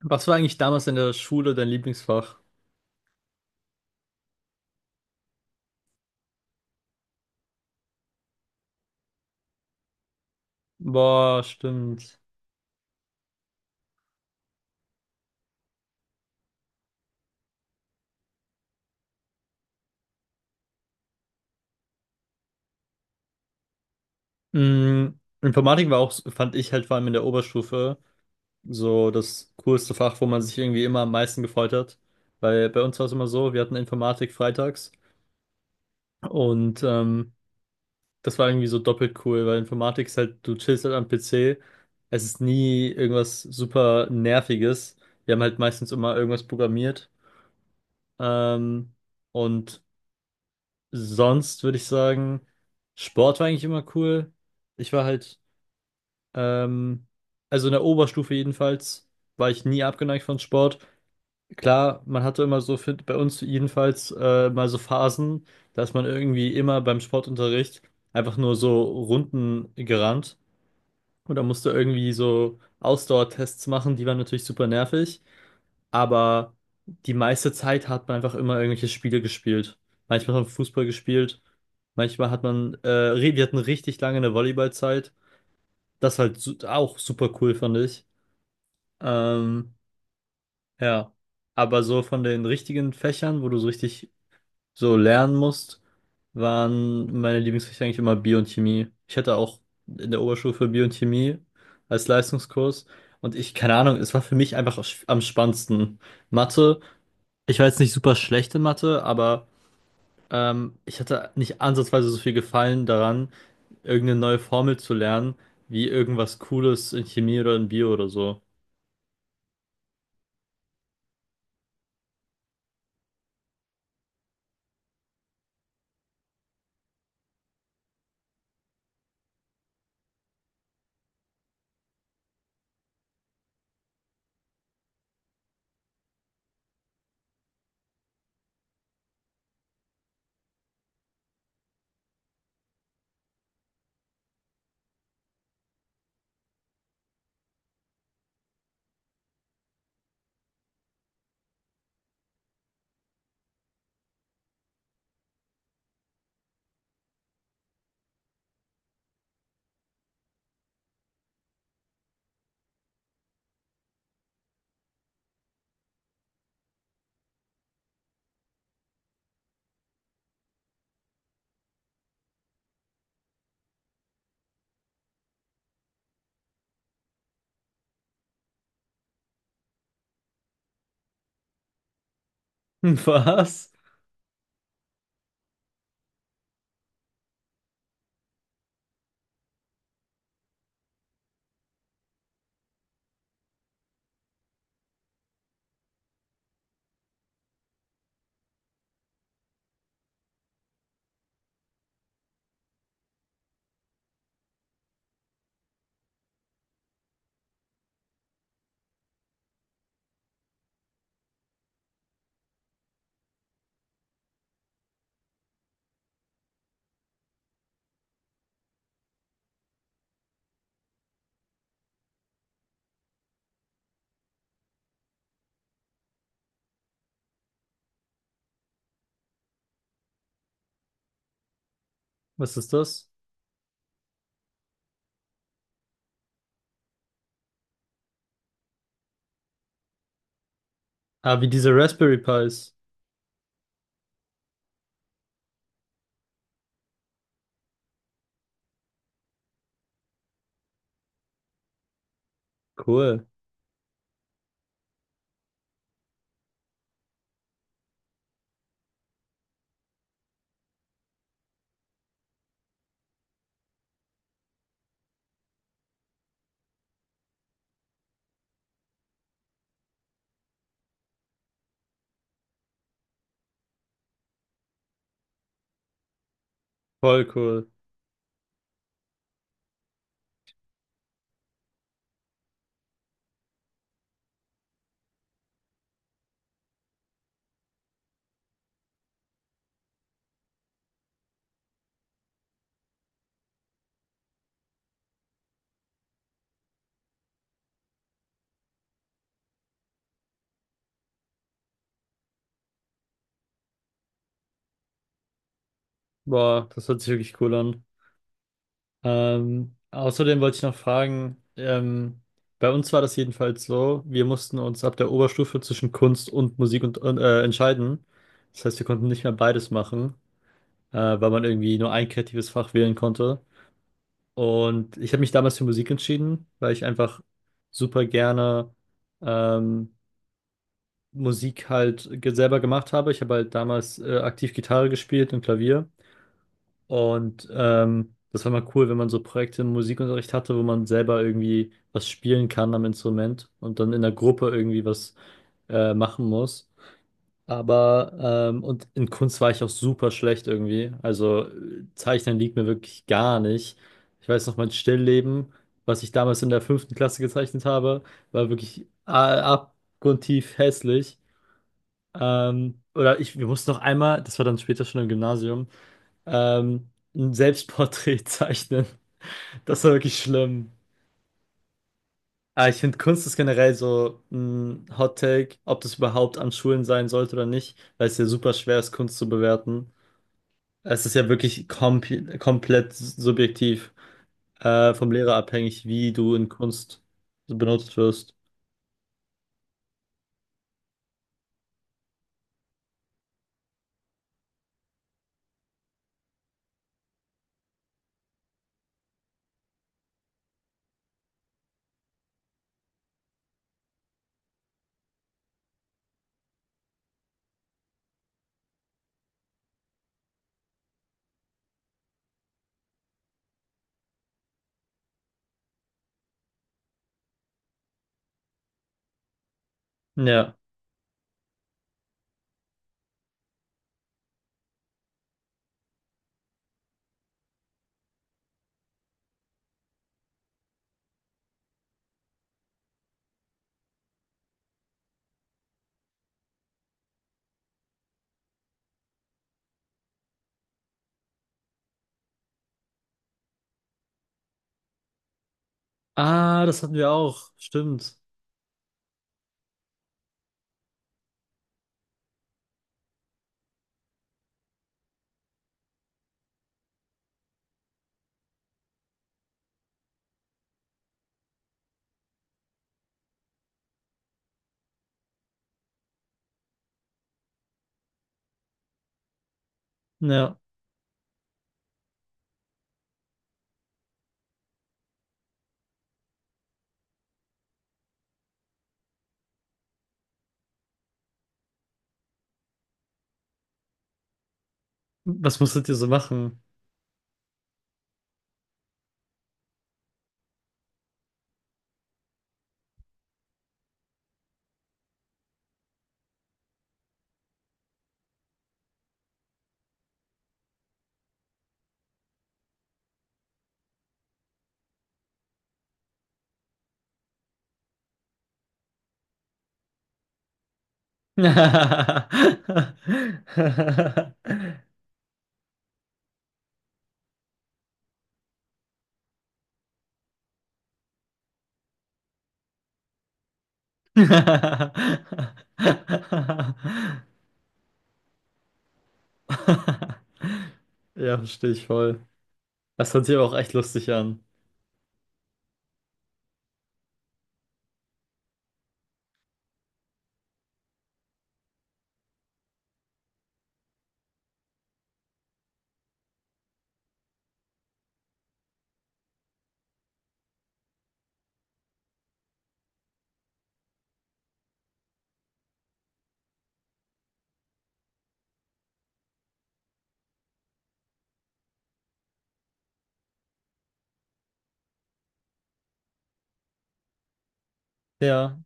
Was war eigentlich damals in der Schule dein Lieblingsfach? Boah, stimmt. Mm, Informatik war auch, fand ich halt vor allem in der Oberstufe, so das coolste Fach, wo man sich irgendwie immer am meisten gefreut hat. Weil bei uns war es immer so, wir hatten Informatik freitags und das war irgendwie so doppelt cool, weil Informatik ist halt, du chillst halt am PC, es ist nie irgendwas super Nerviges. Wir haben halt meistens immer irgendwas programmiert. Ähm, und Sonst würde ich sagen, Sport war eigentlich immer cool. Ich war halt, ähm, also in der Oberstufe jedenfalls, war ich nie abgeneigt von Sport. Klar, man hatte immer so, für, bei uns jedenfalls, mal so Phasen, dass man irgendwie immer beim Sportunterricht einfach nur so Runden gerannt. Und da musste irgendwie so Ausdauertests machen, die waren natürlich super nervig, aber die meiste Zeit hat man einfach immer irgendwelche Spiele gespielt. Manchmal hat man Fußball gespielt, manchmal hat man, wir hatten richtig lange eine Volleyballzeit. Das halt su auch super cool, fand ich. Ähm, ja. Aber so von den richtigen Fächern, wo du so richtig so lernen musst, waren meine Lieblingsfächer eigentlich immer Bio und Chemie. Ich hatte auch in der Oberstufe Bio und Chemie als Leistungskurs. Und ich, keine Ahnung, es war für mich einfach am spannendsten. Mathe. Ich war jetzt nicht super schlecht in Mathe, aber ich hatte nicht ansatzweise so viel Gefallen daran, irgendeine neue Formel zu lernen, wie irgendwas Cooles in Chemie oder in Bio oder so. Hm, was? Was ist das? Ah, wie diese Raspberry Pis. Cool. Voll cool. Boah, das hört sich wirklich cool an. Außerdem wollte ich noch fragen, bei uns war das jedenfalls so, wir mussten uns ab der Oberstufe zwischen Kunst und Musik entscheiden. Das heißt, wir konnten nicht mehr beides machen. Weil man irgendwie nur ein kreatives Fach wählen konnte. Und ich habe mich damals für Musik entschieden, weil ich einfach super gerne ähm, Musik halt selber gemacht habe. Ich habe halt damals aktiv Gitarre gespielt und Klavier. Und das war mal cool, wenn man so Projekte im Musikunterricht hatte, wo man selber irgendwie was spielen kann am Instrument und dann in der Gruppe irgendwie was machen muss. Aber, in Kunst war ich auch super schlecht irgendwie. Also Zeichnen liegt mir wirklich gar nicht. Ich weiß noch, mein Stillleben, was ich damals in der 5. Klasse gezeichnet habe, war wirklich abgrundtief hässlich. Wir mussten noch einmal, das war dann später schon im Gymnasium, ähm, ein Selbstporträt zeichnen. Das war wirklich schlimm. Aber ich finde, Kunst ist generell so ein Hot Take, ob das überhaupt an Schulen sein sollte oder nicht, weil es ja super schwer ist, Kunst zu bewerten. Es ist ja wirklich komplett subjektiv, vom Lehrer abhängig, wie du in Kunst benutzt wirst. Ja. Ah, das hatten wir auch. Stimmt. Ja. Was musstet ihr so machen? Ja, verstehe ich voll. Das hört sich aber auch echt lustig an. Ja,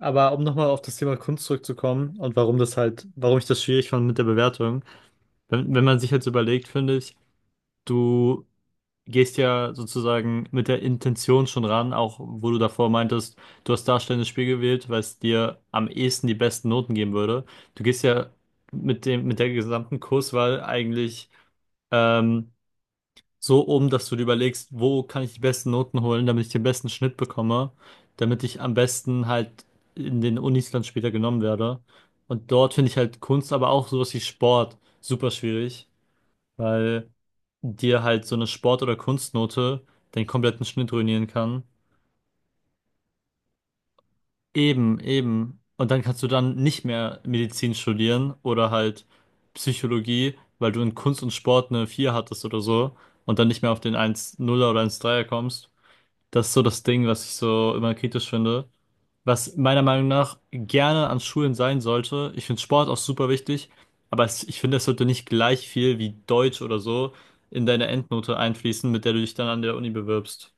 aber um nochmal auf das Thema Kunst zurückzukommen und warum das halt, warum ich das schwierig fand mit der Bewertung. Wenn man sich jetzt überlegt, finde ich, du gehst ja sozusagen mit der Intention schon ran, auch wo du davor meintest, du hast darstellendes Spiel gewählt, weil es dir am ehesten die besten Noten geben würde. Du gehst ja mit dem, mit der gesamten Kurswahl eigentlich, ähm, so um, dass du dir überlegst, wo kann ich die besten Noten holen, damit ich den besten Schnitt bekomme, damit ich am besten halt in den Unis dann später genommen werde. Und dort finde ich halt Kunst, aber auch sowas wie Sport super schwierig, weil dir halt so eine Sport- oder Kunstnote den kompletten Schnitt ruinieren kann. Eben, eben. Und dann kannst du dann nicht mehr Medizin studieren oder halt Psychologie, weil du in Kunst und Sport eine 4 hattest oder so und dann nicht mehr auf den eins 0 er oder eins 3 er kommst. Das ist so das Ding, was ich so immer kritisch finde, was meiner Meinung nach gerne an Schulen sein sollte. Ich finde Sport auch super wichtig, aber es, ich finde, es sollte nicht gleich viel wie Deutsch oder so in deine Endnote einfließen, mit der du dich dann an der Uni bewirbst.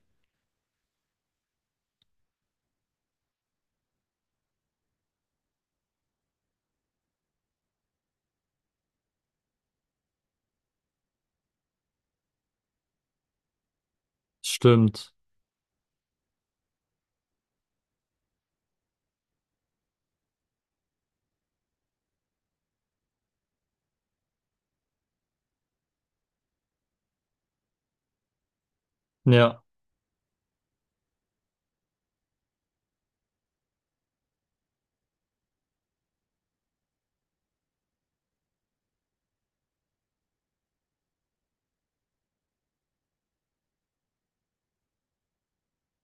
Stimmt. Ja.